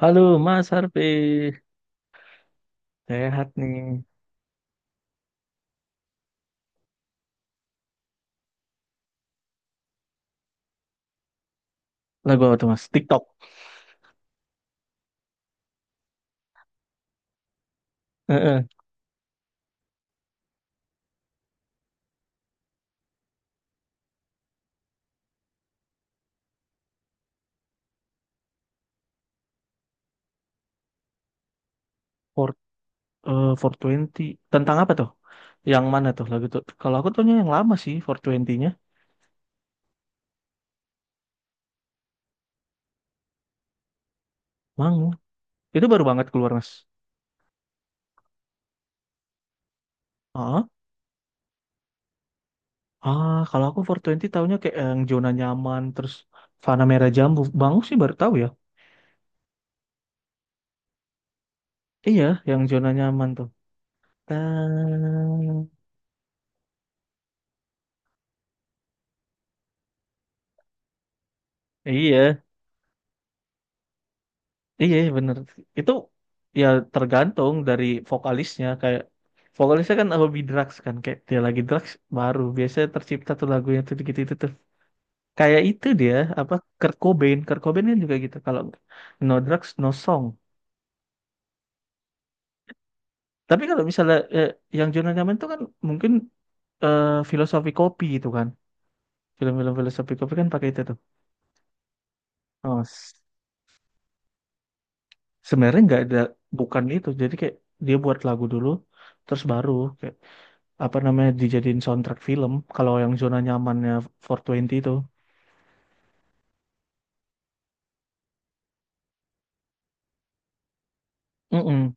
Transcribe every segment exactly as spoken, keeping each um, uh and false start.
Halo Mas Harvey, sehat nih. Lagu apa tuh Mas? TikTok. Heeh. For, eh, four twenty. Tentang apa tuh? Yang mana tuh lagu tuh? Kalau aku tuhnya yang lama sih, twenty nya Mangu. Itu baru banget keluar Mas. Ah, ah, kalau aku four twenty tahunya kayak yang zona nyaman, terus Fana Merah Jambu. Bangu sih baru tahu ya. Iya, yang zona nyaman tuh. Ta- Iya. Iya, iya, bener. Itu ya tergantung dari vokalisnya. Kayak vokalisnya kan lebih drugs kan. Kayak dia lagi drugs baru. Biasanya tercipta tuh lagunya tuh gitu itu tuh. Kayak itu dia, apa, Kurt Cobain. Kurt Cobain kan juga gitu. Kalau no drugs, no song. Tapi kalau misalnya eh, yang Jonan Nyaman itu kan mungkin eh, filosofi kopi itu kan. Film-film filosofi kopi kan pakai itu tuh. Oh, s- sebenarnya nggak ada, bukan itu. Jadi kayak dia buat lagu dulu, terus baru. Apa namanya dijadiin soundtrack film kalau yang zona nyamannya four twenty itu. Mm-mm.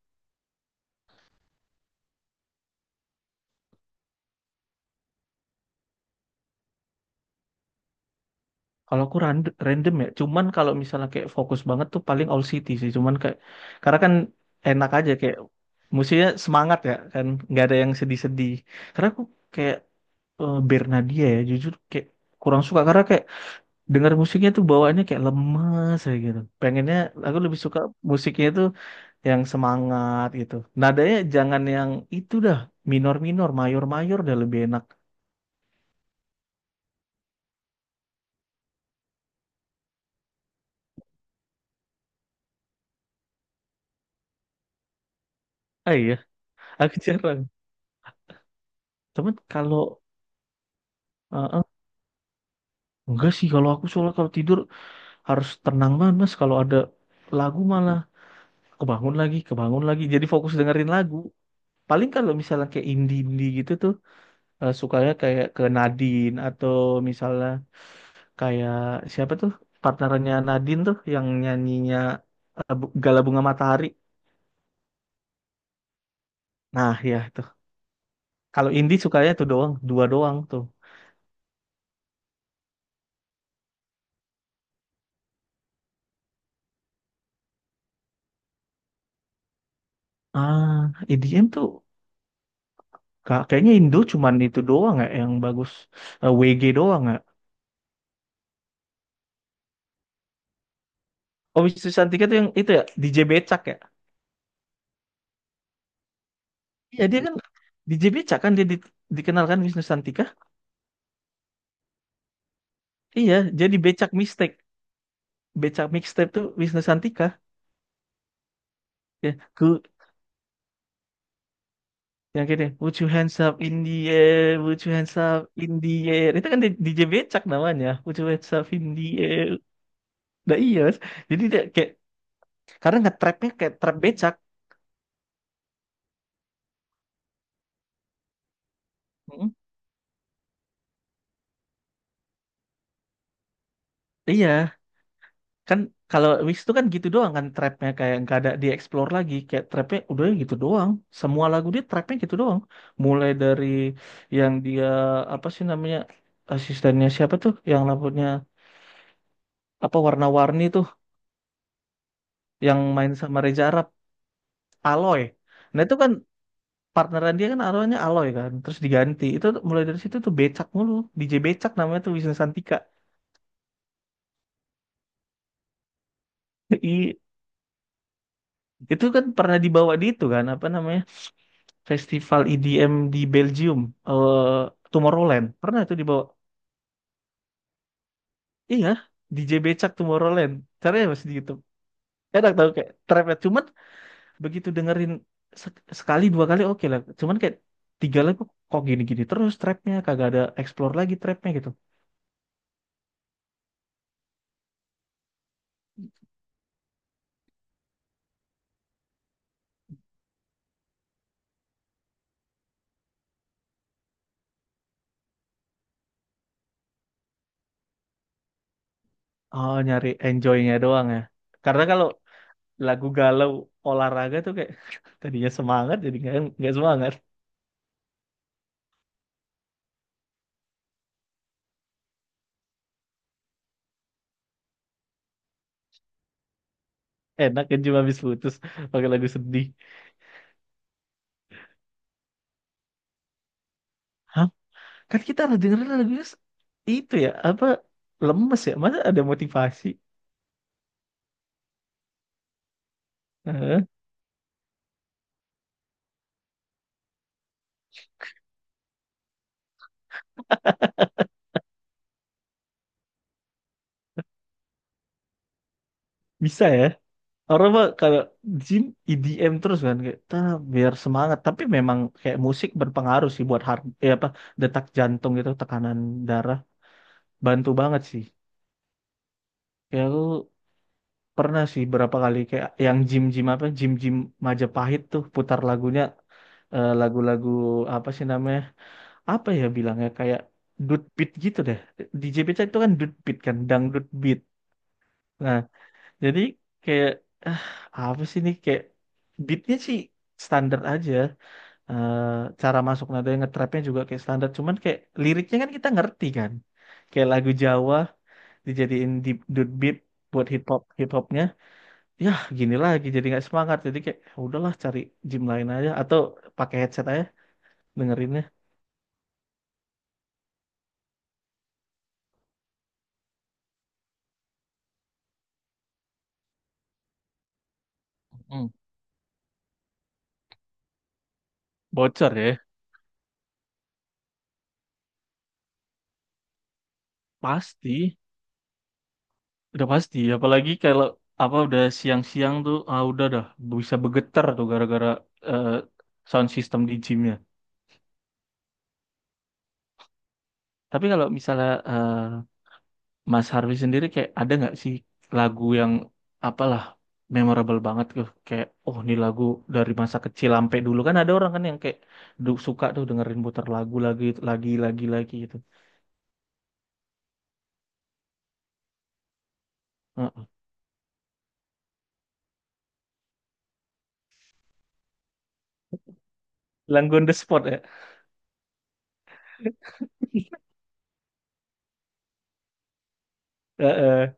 Kalau aku rand- random ya, cuman kalau misalnya kayak fokus banget tuh paling All City sih, cuman kayak karena kan enak aja kayak musiknya semangat ya kan, nggak ada yang sedih-sedih. Karena aku kayak eh, Bernadia ya, jujur kayak kurang suka karena kayak dengar musiknya tuh bawaannya kayak lemes kayak gitu. Pengennya aku lebih suka musiknya itu yang semangat gitu. Nadanya jangan yang itu dah, minor-minor, mayor-mayor dah lebih enak. Ah iya, aku jarang. Cuman kalau eh, eh, enggak sih kalau aku soalnya kalau tidur harus tenang banget Mas, kalau ada lagu malah kebangun lagi, kebangun lagi. Jadi fokus dengerin lagu. Paling kalau misalnya kayak indie-indie gitu tuh, eh, sukanya kayak ke Nadine atau misalnya kayak siapa tuh partnernya Nadine tuh yang nyanyinya, eh, Bu- Gala Bunga Matahari. Nah, ya itu. Kalau indie sukanya itu doang, dua doang tuh. Ah, E D M tuh ka- kayaknya Indo cuman itu doang ya yang bagus. Eh, W G doang ya. Oh, Wisnu Santika tuh yang itu ya, D J Becak ya. Iya, dia kan D J Becak kan dia di- dikenalkan Wisnu Santika. Iya, jadi Becak Mixtape. Becak Mixtape tuh Wisnu Santika. Ya, ku yang gini, "Would you hands up in the air, would you hands up in the air." Itu kan di- D J Becak namanya, would you hands up in the air. Nah iya, Mas. Jadi dia kayak karena nge-trapnya kayak trap becak. Mm. Iya, kan kalau Wings itu kan gitu doang kan trapnya kayak nggak ada dieksplor lagi, kayak trapnya udah gitu doang. Semua lagu dia trapnya gitu doang. Mulai dari yang dia apa sih namanya, asistennya siapa tuh yang rambutnya apa warna-warni tuh yang main sama Reza Arab, Aloy. Nah itu kan partneran dia kan awalnya Aloy kan, terus diganti. Itu tuh mulai dari situ tuh becak mulu, D J becak namanya tuh Wisnu Santika. I- Itu kan pernah dibawa di itu kan apa namanya? Festival E D M di Belgium, eh Tomorrowland. Pernah itu dibawa? Iya, D J Becak Tomorrowland. Caranya masih di YouTube. Enak tau kayak trap ya. Cuman begitu dengerin sek- sekali dua kali oke lah. Cuman kayak tiga lagu kok gini-gini terus trapnya kagak ada explore lagi trapnya gitu. Oh nyari enjoynya doang ya. Karena kalau lagu galau olahraga tuh kayak, tadinya semangat jadi nggak nggak semangat. Enak kan cuma habis putus pakai lagu sedih. Kan kita harus dengerin lagunya s- itu ya, apa lemes ya? Masa ada motivasi? Heeh, bisa ya. Orang mah kalau gym E D M terus kan kayak, "Tah, biar semangat." Tapi memang kayak musik berpengaruh sih buat hart, eh, apa, detak jantung gitu, tekanan darah, bantu banget sih. Kayak aku pernah sih berapa kali kayak yang gym-gym apa gym-gym Majapahit tuh putar lagunya, eh, lagu-lagu apa sih namanya? Apa ya bilangnya kayak dude beat gitu deh. Di J P C itu kan dude beat kan, dangdut beat. Nah, jadi kayak, ah, apa sih nih kayak beatnya sih standar aja. Eh, cara masuk nada yang ngetrapnya juga kayak standar. Cuman kayak liriknya kan kita ngerti kan. Kayak lagu Jawa dijadiin di dude beat buat hip hop hip hopnya. Ya gini lagi jadi nggak semangat. Jadi kayak, "Ya udahlah cari gym lain aja atau pakai headset aja dengerinnya." Mm. Bocor ya. Pasti. Udah pasti, apalagi kalau apa udah siang-siang tuh, ah udah dah bisa bergetar tuh gara-gara, eh, sound system di gymnya. Tapi kalau misalnya eh, Mas Harvey sendiri kayak ada nggak sih lagu yang apalah memorable banget tuh, kayak, oh ini lagu dari masa kecil. Sampai dulu kan ada orang kan yang kayak du- suka tuh dengerin putar lagu lagi lagi lagi lagi gitu. Heeh. Lagu on the spot ya. Heeh.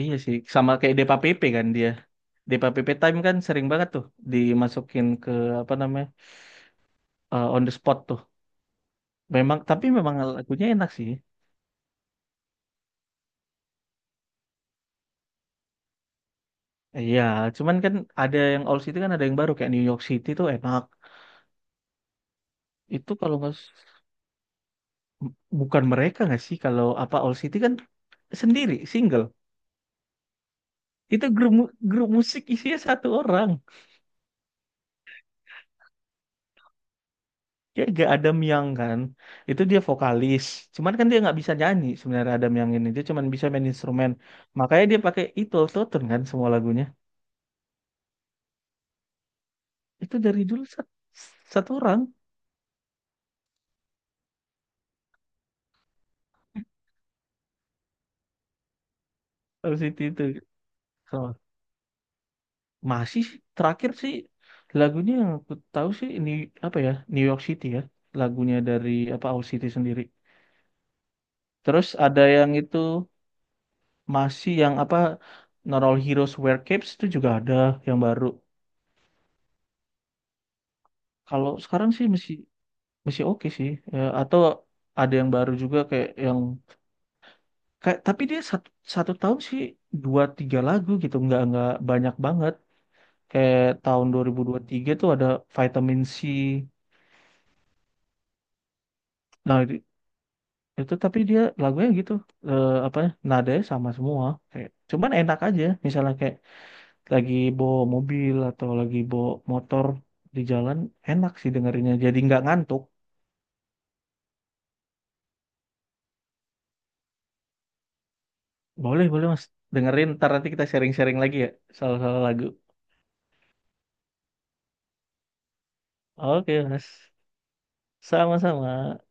Iya sih, sama kayak Depa Pepe kan dia di P P P time kan sering banget tuh dimasukin ke apa namanya, eh, on the spot tuh. Memang, tapi memang lagunya enak sih. Iya, cuman kan ada yang old city kan ada yang baru kayak New York City tuh enak. Itu kalau nggak s- bukan mereka nggak sih, kalau apa old city kan sendiri single. Itu grup mu- grup musik isinya satu orang. Ya gak Adam yang kan. Itu dia vokalis. Cuman kan dia nggak bisa nyanyi sebenarnya Adam yang ini. Dia cuman bisa main instrumen. Makanya dia pakai itu tone kan semua lagunya. Itu dari dulu sat- satu orang. Harus itu itu sama, masih sih, terakhir sih lagunya yang aku tahu sih ini apa ya, New York City ya lagunya dari apa Owl City sendiri. Terus ada yang itu, masih yang apa, Not All Heroes Wear Capes itu juga ada yang baru. Kalau sekarang sih masih masih oke sih ya, atau ada yang baru juga kayak yang, kayak tapi dia satu, satu tahun sih dua tiga lagu gitu, nggak nggak banyak banget. Kayak tahun dua ribu dua ribu tiga tuh ada vitamin C. Nah di- itu tapi dia lagunya gitu, eh, apa ya, nadanya sama semua kayak, cuman enak aja misalnya kayak lagi bawa mobil atau lagi bawa motor di jalan, enak sih dengerinnya jadi nggak ngantuk. Boleh boleh mas, dengerin ntar, nanti kita sharing-sharing lagi ya. Salah-salah lagu. Oke mas. Sama-sama.